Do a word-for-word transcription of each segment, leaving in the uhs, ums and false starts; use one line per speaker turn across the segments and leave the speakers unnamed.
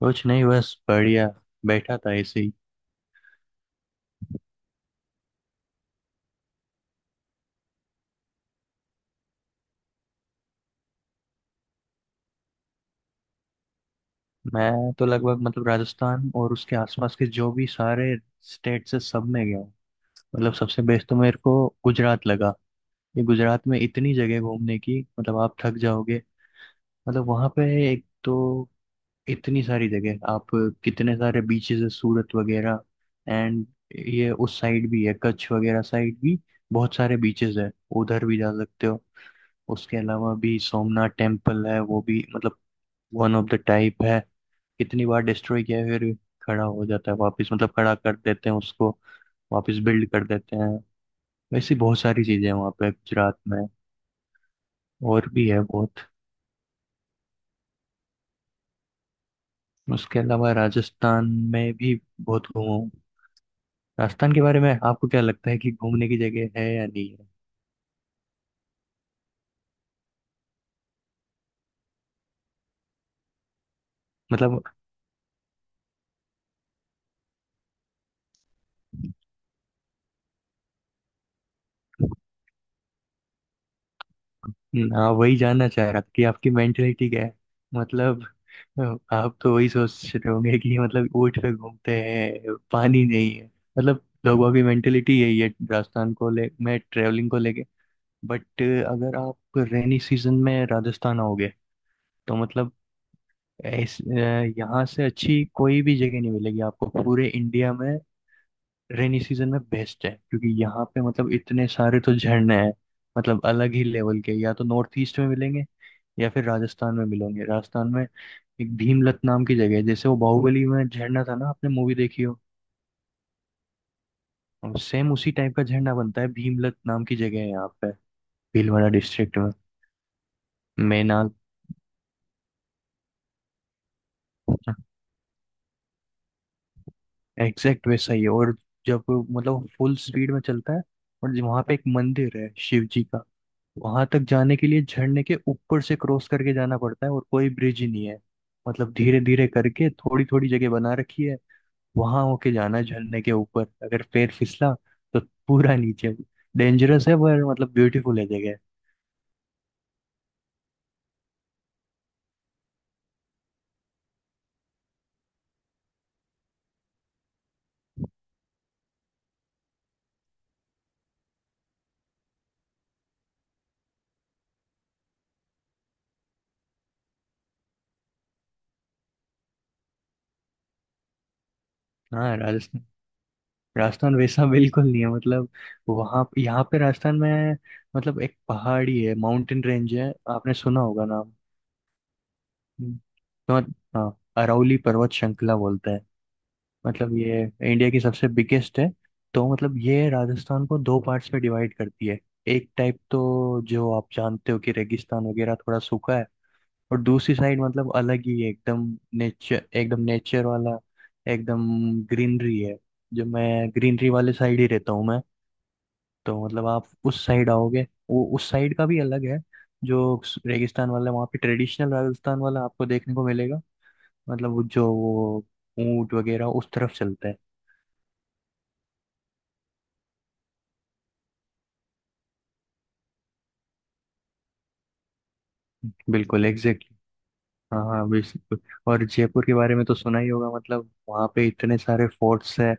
कुछ नहीं, बस बढ़िया बैठा था ऐसे ही। मैं तो लगभग, मतलब राजस्थान और उसके आसपास के जो भी सारे स्टेट से, सब में गया हूँ। मतलब सबसे बेस्ट तो मेरे को गुजरात लगा। ये गुजरात में इतनी जगह घूमने की, मतलब आप थक जाओगे। मतलब वहाँ पे, एक तो इतनी सारी जगह आप, कितने सारे बीचेस है, सूरत वगैरह। एंड ये उस साइड भी है कच्छ वगैरह साइड भी, बहुत सारे बीचेस है। उधर भी जा सकते हो। उसके अलावा भी सोमनाथ टेम्पल है, वो भी मतलब वन ऑफ द टाइप है। कितनी बार डिस्ट्रॉय किया है, फिर भी खड़ा हो जाता है वापस, मतलब खड़ा कर देते हैं उसको वापस, बिल्ड कर देते हैं। वैसी बहुत सारी चीजें हैं वहाँ पे गुजरात में, और भी है बहुत। उसके अलावा राजस्थान में भी बहुत घूमा हूँ। राजस्थान के बारे में आपको क्या लगता है कि घूमने की जगह है या नहीं है? मतलब हाँ, वही जानना चाह रहा था कि आपकी मेंटेलिटी क्या है। मतलब अ, आप तो वही सोच रहे होंगे कि मतलब ऊँट पे घूमते हैं, पानी नहीं है, मतलब लोगों की मेंटेलिटी यही है राजस्थान को ले, मैं ट्रेवलिंग को लेके। बट अगर आप रेनी सीजन में राजस्थान आओगे तो मतलब ऐस- अ, यहाँ से अच्छी कोई भी जगह नहीं मिलेगी आपको पूरे इंडिया में। रेनी सीजन में बेस्ट है, क्योंकि यहाँ पे मतलब इतने सारे तो झरने हैं, मतलब अलग ही लेवल के। या तो नॉर्थ ईस्ट में मिलेंगे या फिर राजस्थान में मिलेंगे। राजस्थान में एक भीमलत नाम की जगह है। जैसे वो बाहुबली में झरना था ना, आपने मूवी देखी हो, सेम उसी टाइप का झरना बनता है। भीमलत नाम की जगह है यहाँ पे, भीलवाड़ा डिस्ट्रिक्ट में। मेनाल एग्जैक्ट वैसा ही है। और जब मतलब फुल स्पीड में चलता है। और वहां पे एक मंदिर है शिव जी का। वहां तक जाने के लिए झरने के ऊपर से क्रॉस करके जाना पड़ता है, और कोई ब्रिज ही नहीं है। मतलब धीरे धीरे करके थोड़ी थोड़ी जगह बना रखी है। वहां होके जाना है झरने के ऊपर। अगर पैर फिसला तो पूरा नीचे। डेंजरस है, पर मतलब ब्यूटीफुल है जगह। हाँ, राजस्थान। राजस्थान वैसा बिल्कुल नहीं है, मतलब वहाँ, यहाँ पे राजस्थान में मतलब एक पहाड़ी है, माउंटेन रेंज है, आपने सुना होगा नाम। हम्म, तो हाँ, अरावली पर्वत श्रृंखला बोलते हैं। मतलब ये इंडिया की सबसे बिगेस्ट है। तो मतलब ये राजस्थान को दो पार्ट्स में डिवाइड करती है। एक टाइप तो जो आप जानते हो कि रेगिस्तान वगैरह थोड़ा सूखा है। और दूसरी साइड मतलब अलग ही है, एकदम नेचर, एकदम नेचर वाला, एकदम ग्रीनरी है। जो, मैं ग्रीनरी वाले साइड ही रहता हूँ मैं। तो मतलब आप उस साइड आओगे, वो उस साइड का भी अलग है जो रेगिस्तान वाला है। वहाँ पे ट्रेडिशनल राजस्थान वाला आपको देखने को मिलेगा। मतलब वो, जो वो ऊंट वगैरह उस तरफ चलता है। बिल्कुल एग्जैक्टली। हाँ हाँ, बिल्कुल। और जयपुर के बारे में तो सुना ही होगा, मतलब वहाँ पे इतने सारे फोर्ट्स है।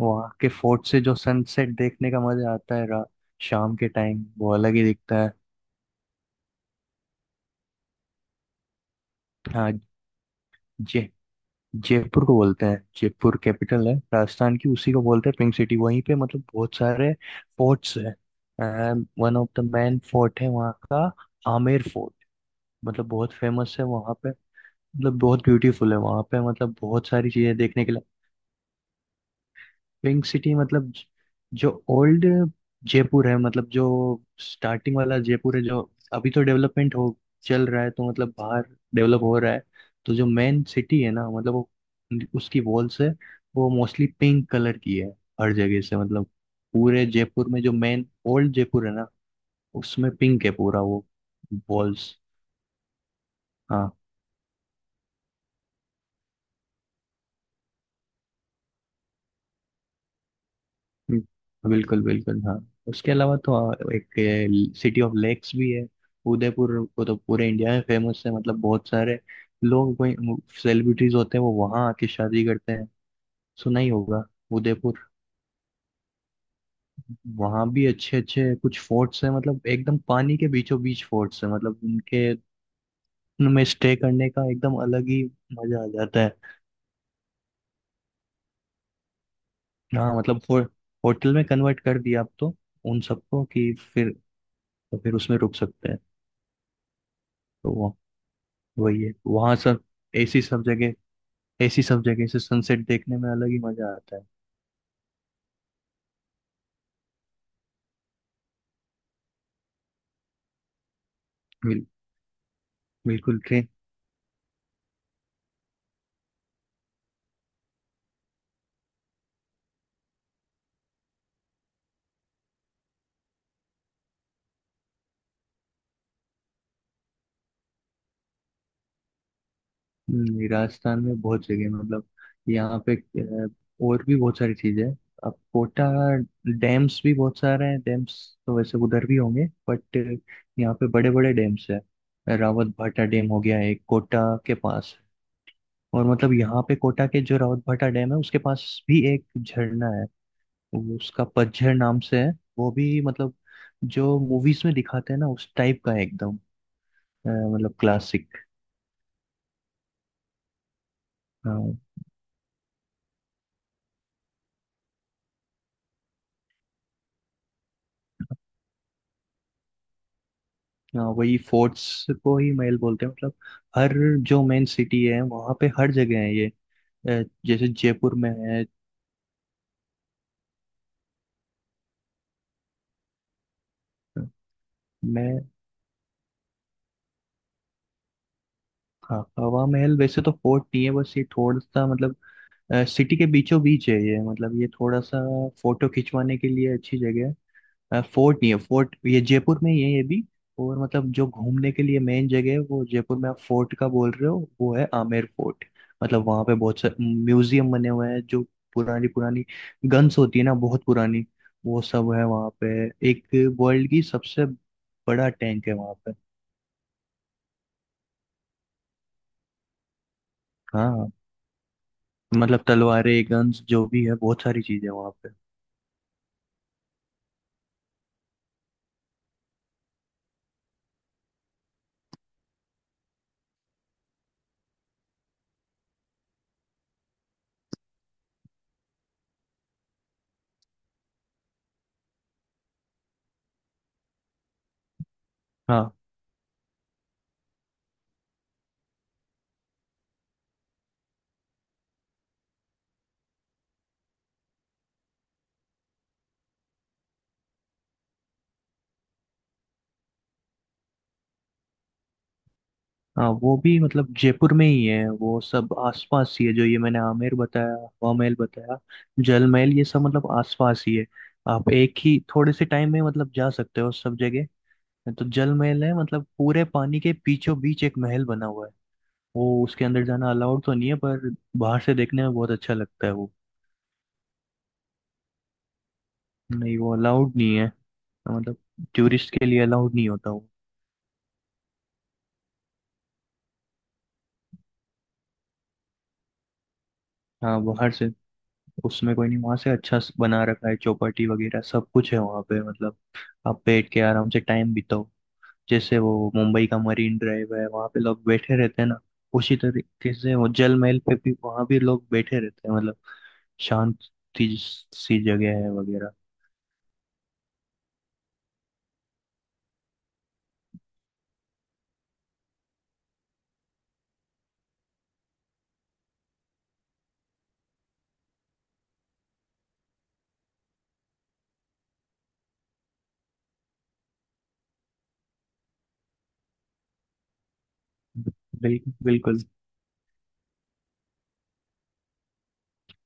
वहाँ के फोर्ट से जो सनसेट देखने का मजा आता है, रा- शाम के टाइम वो अलग ही दिखता है। हाँ। जय जयपुर को बोलते हैं। जयपुर कैपिटल है राजस्थान की, उसी को बोलते हैं पिंक सिटी। वहीं पे मतलब बहुत सारे फोर्ट्स हैं। One of the main fort है वहाँ का, आमेर फोर्ट। मतलब बहुत फेमस है वहाँ पे, मतलब बहुत ब्यूटीफुल है वहाँ पे, मतलब बहुत सारी चीजें देखने के लिए। पिंक सिटी मतलब ज- जो ओल्ड जयपुर है, मतलब जो स्टार्टिंग वाला जयपुर है, जो अभी तो डेवलपमेंट हो, चल रहा है। तो मतलब बाहर डेवलप हो रहा है। तो जो मेन सिटी है ना, मतलब वो, उसकी वॉल्स है वो मोस्टली पिंक कलर की है। हर जगह से मतलब पूरे जयपुर में जो मेन ओल्ड जयपुर है ना, उसमें पिंक है पूरा वो, वॉल्स। हम्म, बिल्कुल बिल्कुल, हाँ। उसके अलावा तो आ, एक सिटी ऑफ लेक्स भी है, उदयपुर। वो तो पूरे इंडिया में फेमस है। मतलब बहुत सारे लोग कोई, सेलिब्रिटीज होते हैं, वो वहाँ आके शादी करते हैं। सुना ही होगा उदयपुर। वहाँ भी अच्छे अच्छे कुछ फोर्ट्स हैं, मतलब एकदम पानी के बीचों बीच फोर्ट्स हैं। मतलब उनके, उनमें स्टे करने का एकदम अलग ही मजा आ जाता है। हाँ मतलब हो, होटल में कन्वर्ट कर दिया आप तो उन सबको कि फिर, तो फिर उसमें रुक सकते हैं। तो वही है वहां सब, ऐसी सब जगह, ऐसी सब जगह से सनसेट देखने में अलग ही मजा आता है। बिल, बिल्कुल ट्रेन। हम्म, राजस्थान में बहुत जगह है, मतलब यहाँ पे, अ, और भी बहुत सारी चीजें हैं। अब कोटा, डैम्स भी बहुत सारे हैं डैम्स, तो वैसे उधर भी होंगे, बट यहाँ पे बड़े बड़े डैम्स हैं। रावत भाटा डैम हो गया एक, कोटा के पास। और मतलब यहाँ पे कोटा के जो रावत भाटा डैम है उसके पास भी एक झरना है। वो उसका पतझड़ नाम से है। वो भी मतलब जो मूवीज में दिखाते हैं ना, उस टाइप का है, एकदम अ, मतलब क्लासिक। हाँ, वही फोर्ट्स को ही महल बोलते हैं। मतलब हर, जो मेन सिटी है वहाँ पे हर जगह है ये, अ, जैसे जयपुर में है। मैं हाँ, हवा महल वैसे तो फोर्ट नहीं है, बस ये थोड़ा सा मतलब सिटी के बीचों बीच है ये, मतलब ये थोड़ा सा फोटो खिंचवाने के लिए अच्छी जगह है। अ, फोर्ट नहीं है, फोर्ट ये जयपुर में ही है ये भी। और मतलब जो घूमने के लिए मेन जगह है, वो जयपुर में आप फोर्ट का बोल रहे हो, वो है आमेर फोर्ट। मतलब वहाँ पे बहुत सारे म्यूजियम बने हुए हैं, जो पुरानी पुरानी गन्स होती है ना, बहुत पुरानी, वो सब है वहाँ पे। एक वर्ल्ड की सबसे बड़ा टैंक है वहाँ पे। हाँ मतलब तलवारें, गन्स जो भी है, बहुत सारी चीजें वहाँ पे। हाँ हाँ, वो भी मतलब जयपुर में ही है। वो सब आसपास ही है जो ये मैंने आमेर बताया, हवा महल बताया, जल महल, ये सब मतलब आसपास ही है। आप एक ही थोड़े से टाइम में मतलब जा सकते हो सब जगह। तो जल महल है मतलब पूरे पानी के बीचों बीच एक महल बना हुआ है। वो उसके अंदर जाना अलाउड तो नहीं है, पर बाहर से देखने में बहुत अच्छा लगता है वो। नहीं, वो अलाउड नहीं है, मतलब टूरिस्ट के लिए अलाउड नहीं होता वो। हाँ बाहर से उसमें कोई नहीं, वहां से अच्छा स- बना रखा है चौपाटी वगैरह, सब कुछ है वहां पे। मतलब आप बैठ के आराम से टाइम बिताओ। जैसे वो मुंबई का मरीन ड्राइव है वहां पे लोग बैठे रहते हैं ना, उसी तरीके से वो जल महल पे भी वहां भी लोग बैठे रहते हैं, मतलब शांत सी सी जगह है वगैरह। बिल्कुल। बिल्कुल,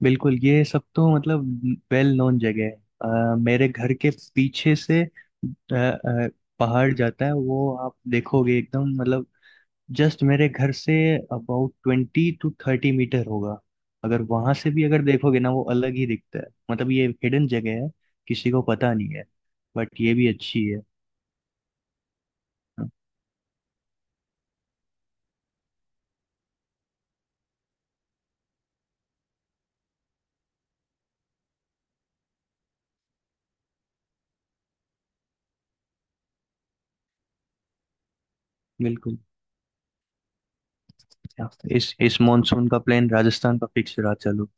बिल्कुल ये सब तो मतलब वेल नोन जगह है। अ, मेरे घर के पीछे से, अ, अ, पहाड़ जाता है। वो आप देखोगे, एकदम मतलब जस्ट मेरे घर से about twenty to thirty metre होगा। अगर वहां से भी अगर देखोगे ना, वो अलग ही दिखता है। मतलब ये हिडन जगह है, किसी को पता नहीं है, बट ये भी अच्छी है। हाँ, बिल्कुल। इस इस मॉनसून का प्लान राजस्थान का फिक्स रहा, चलो।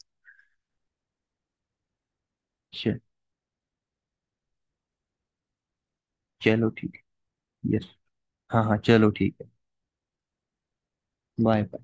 च- चलो, ठीक है, यस। हाँ हाँ चलो, ठीक है। बाय।